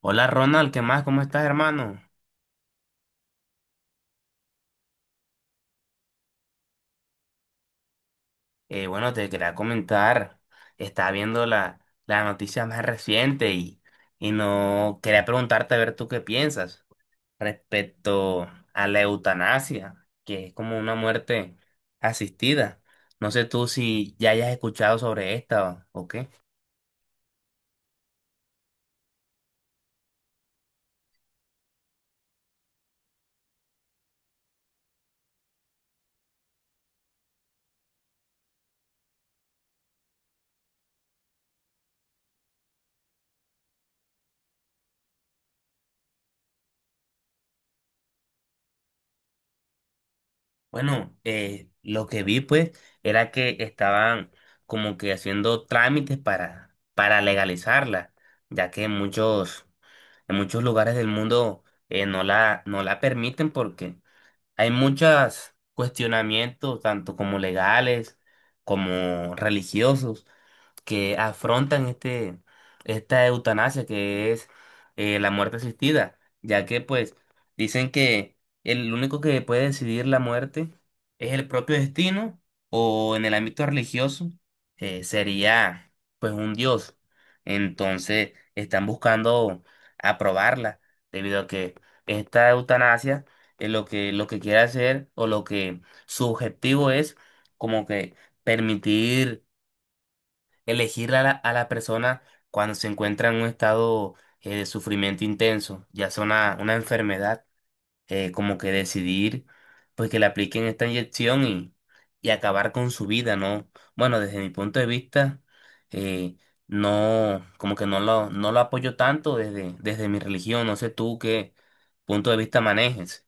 Hola Ronald, ¿qué más? ¿Cómo estás, hermano? Bueno, te quería comentar, estaba viendo la noticia más reciente y no quería preguntarte a ver tú qué piensas respecto a la eutanasia, que es como una muerte asistida. No sé tú si ya hayas escuchado sobre esta o qué. Bueno, lo que vi pues era que estaban como que haciendo trámites para legalizarla, ya que muchos. En muchos lugares del mundo no no la permiten porque hay muchos cuestionamientos, tanto como legales como religiosos, que afrontan esta eutanasia que es la muerte asistida, ya que pues dicen que el único que puede decidir la muerte es el propio destino o en el ámbito religioso, sería pues un dios. Entonces están buscando aprobarla debido a que esta eutanasia, lo que quiere hacer o lo que su objetivo es como que permitir elegir a a la persona cuando se encuentra en un estado de sufrimiento intenso, ya sea una enfermedad, como que decidir pues que le apliquen esta inyección y acabar con su vida, ¿no? Bueno, desde mi punto de vista, eh, no, como que no lo apoyo tanto desde mi religión, no sé tú qué punto de vista manejes.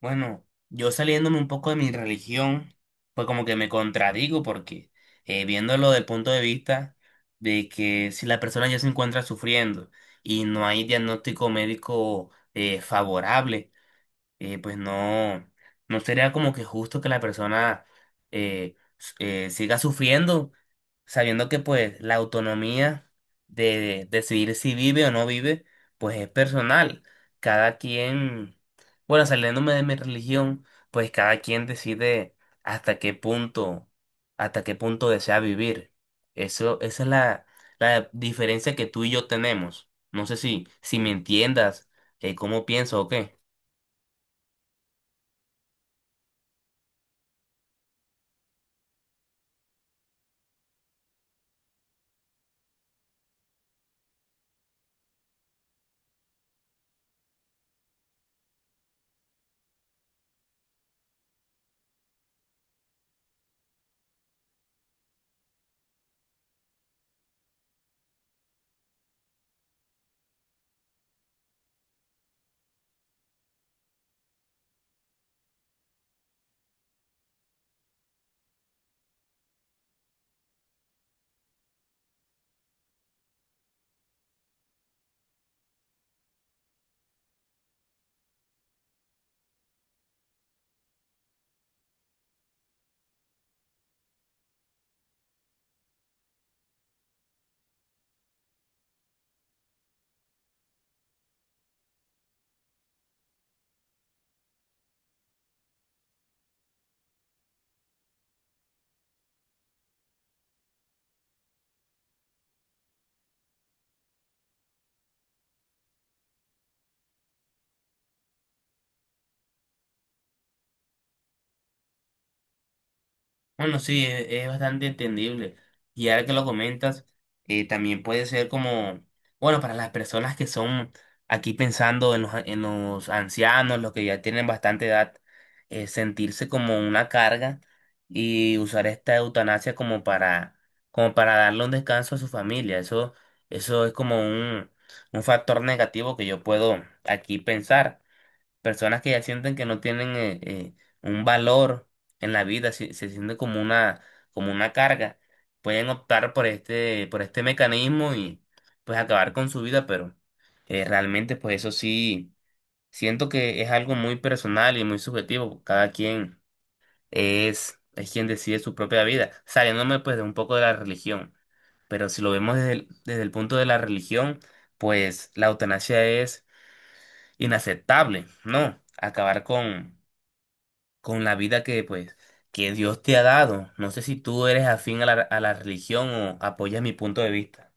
Bueno, yo saliéndome un poco de mi religión, pues como que me contradigo porque, viéndolo del punto de vista de que si la persona ya se encuentra sufriendo y no hay diagnóstico médico favorable, pues no, no sería como que justo que la persona siga sufriendo sabiendo que pues la autonomía de decidir si vive o no vive, pues es personal. Cada quien, bueno, saliéndome de mi religión, pues cada quien decide hasta qué punto, hasta qué punto desea vivir. Eso, esa es la diferencia que tú y yo tenemos. No sé si me entiendas, cómo pienso o qué. Bueno, sí, es bastante entendible. Y ahora que lo comentas, también puede ser como, bueno, para las personas que son, aquí pensando en en los ancianos, los que ya tienen bastante edad, sentirse como una carga y usar esta eutanasia como como para darle un descanso a su familia. Eso es como un factor negativo que yo puedo aquí pensar, personas que ya sienten que no tienen un valor en la vida, siente como una carga, pueden optar por por este mecanismo y pues acabar con su vida, pero realmente pues eso sí, siento que es algo muy personal y muy subjetivo, cada quien es quien decide su propia vida, saliéndome pues de un poco de la religión, pero si lo vemos desde desde el punto de la religión, pues la eutanasia es inaceptable, ¿no? Acabar con la vida que, pues, que Dios te ha dado. No sé si tú eres afín a a la religión o apoyas mi punto de vista,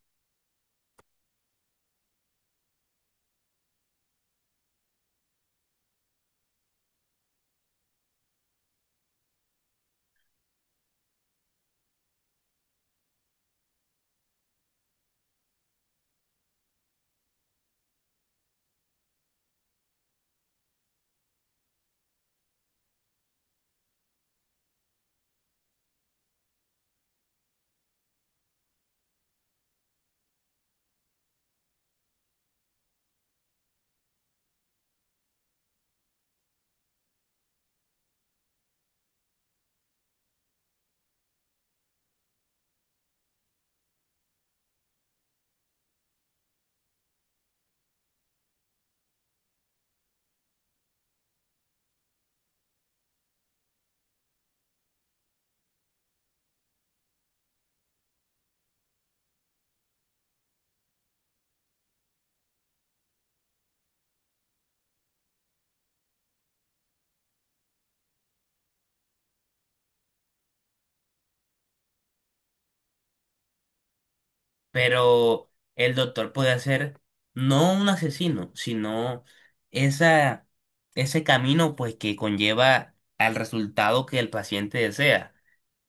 pero el doctor puede ser no un asesino, sino esa, ese camino, pues, que conlleva al resultado que el paciente desea.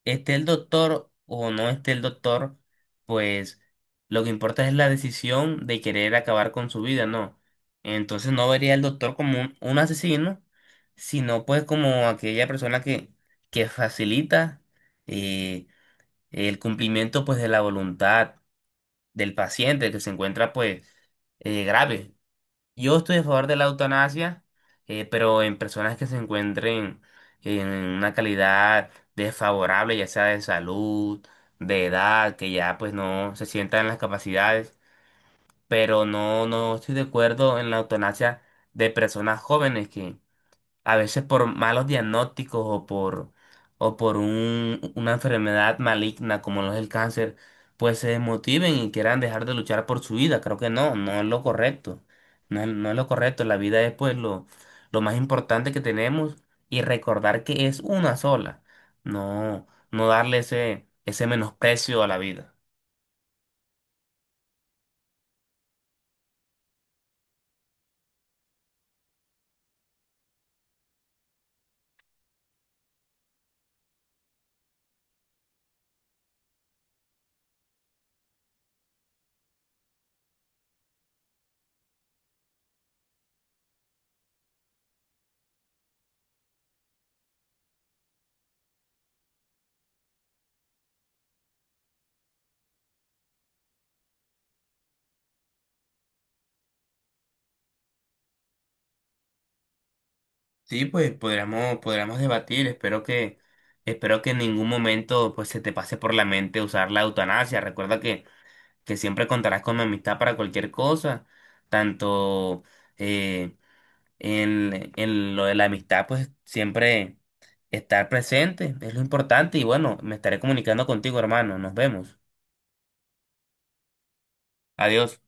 Esté el doctor o no esté el doctor, pues lo que importa es la decisión de querer acabar con su vida, ¿no? Entonces no vería al doctor como un asesino, sino pues como aquella persona que facilita eh, el cumplimiento pues de la voluntad del paciente que se encuentra pues grave. Yo estoy a favor de la eutanasia, pero en personas que se encuentren en una calidad desfavorable, ya sea de salud, de edad, que ya pues no se sientan en las capacidades, pero no, no estoy de acuerdo en la eutanasia de personas jóvenes a veces por malos diagnósticos o por una enfermedad maligna como lo es el cáncer, pues se desmotiven y quieran dejar de luchar por su vida. Creo que no, no es lo correcto. No es lo correcto. La vida es pues lo más importante que tenemos y recordar que es una sola. No, no darle ese menosprecio a la vida. Sí, pues podríamos, podríamos debatir. Espero que en ningún momento pues se te pase por la mente usar la eutanasia. Recuerda que siempre contarás con mi amistad para cualquier cosa, tanto eh, en lo de la amistad, pues siempre estar presente es lo importante y bueno, me estaré comunicando contigo, hermano, nos vemos. Adiós.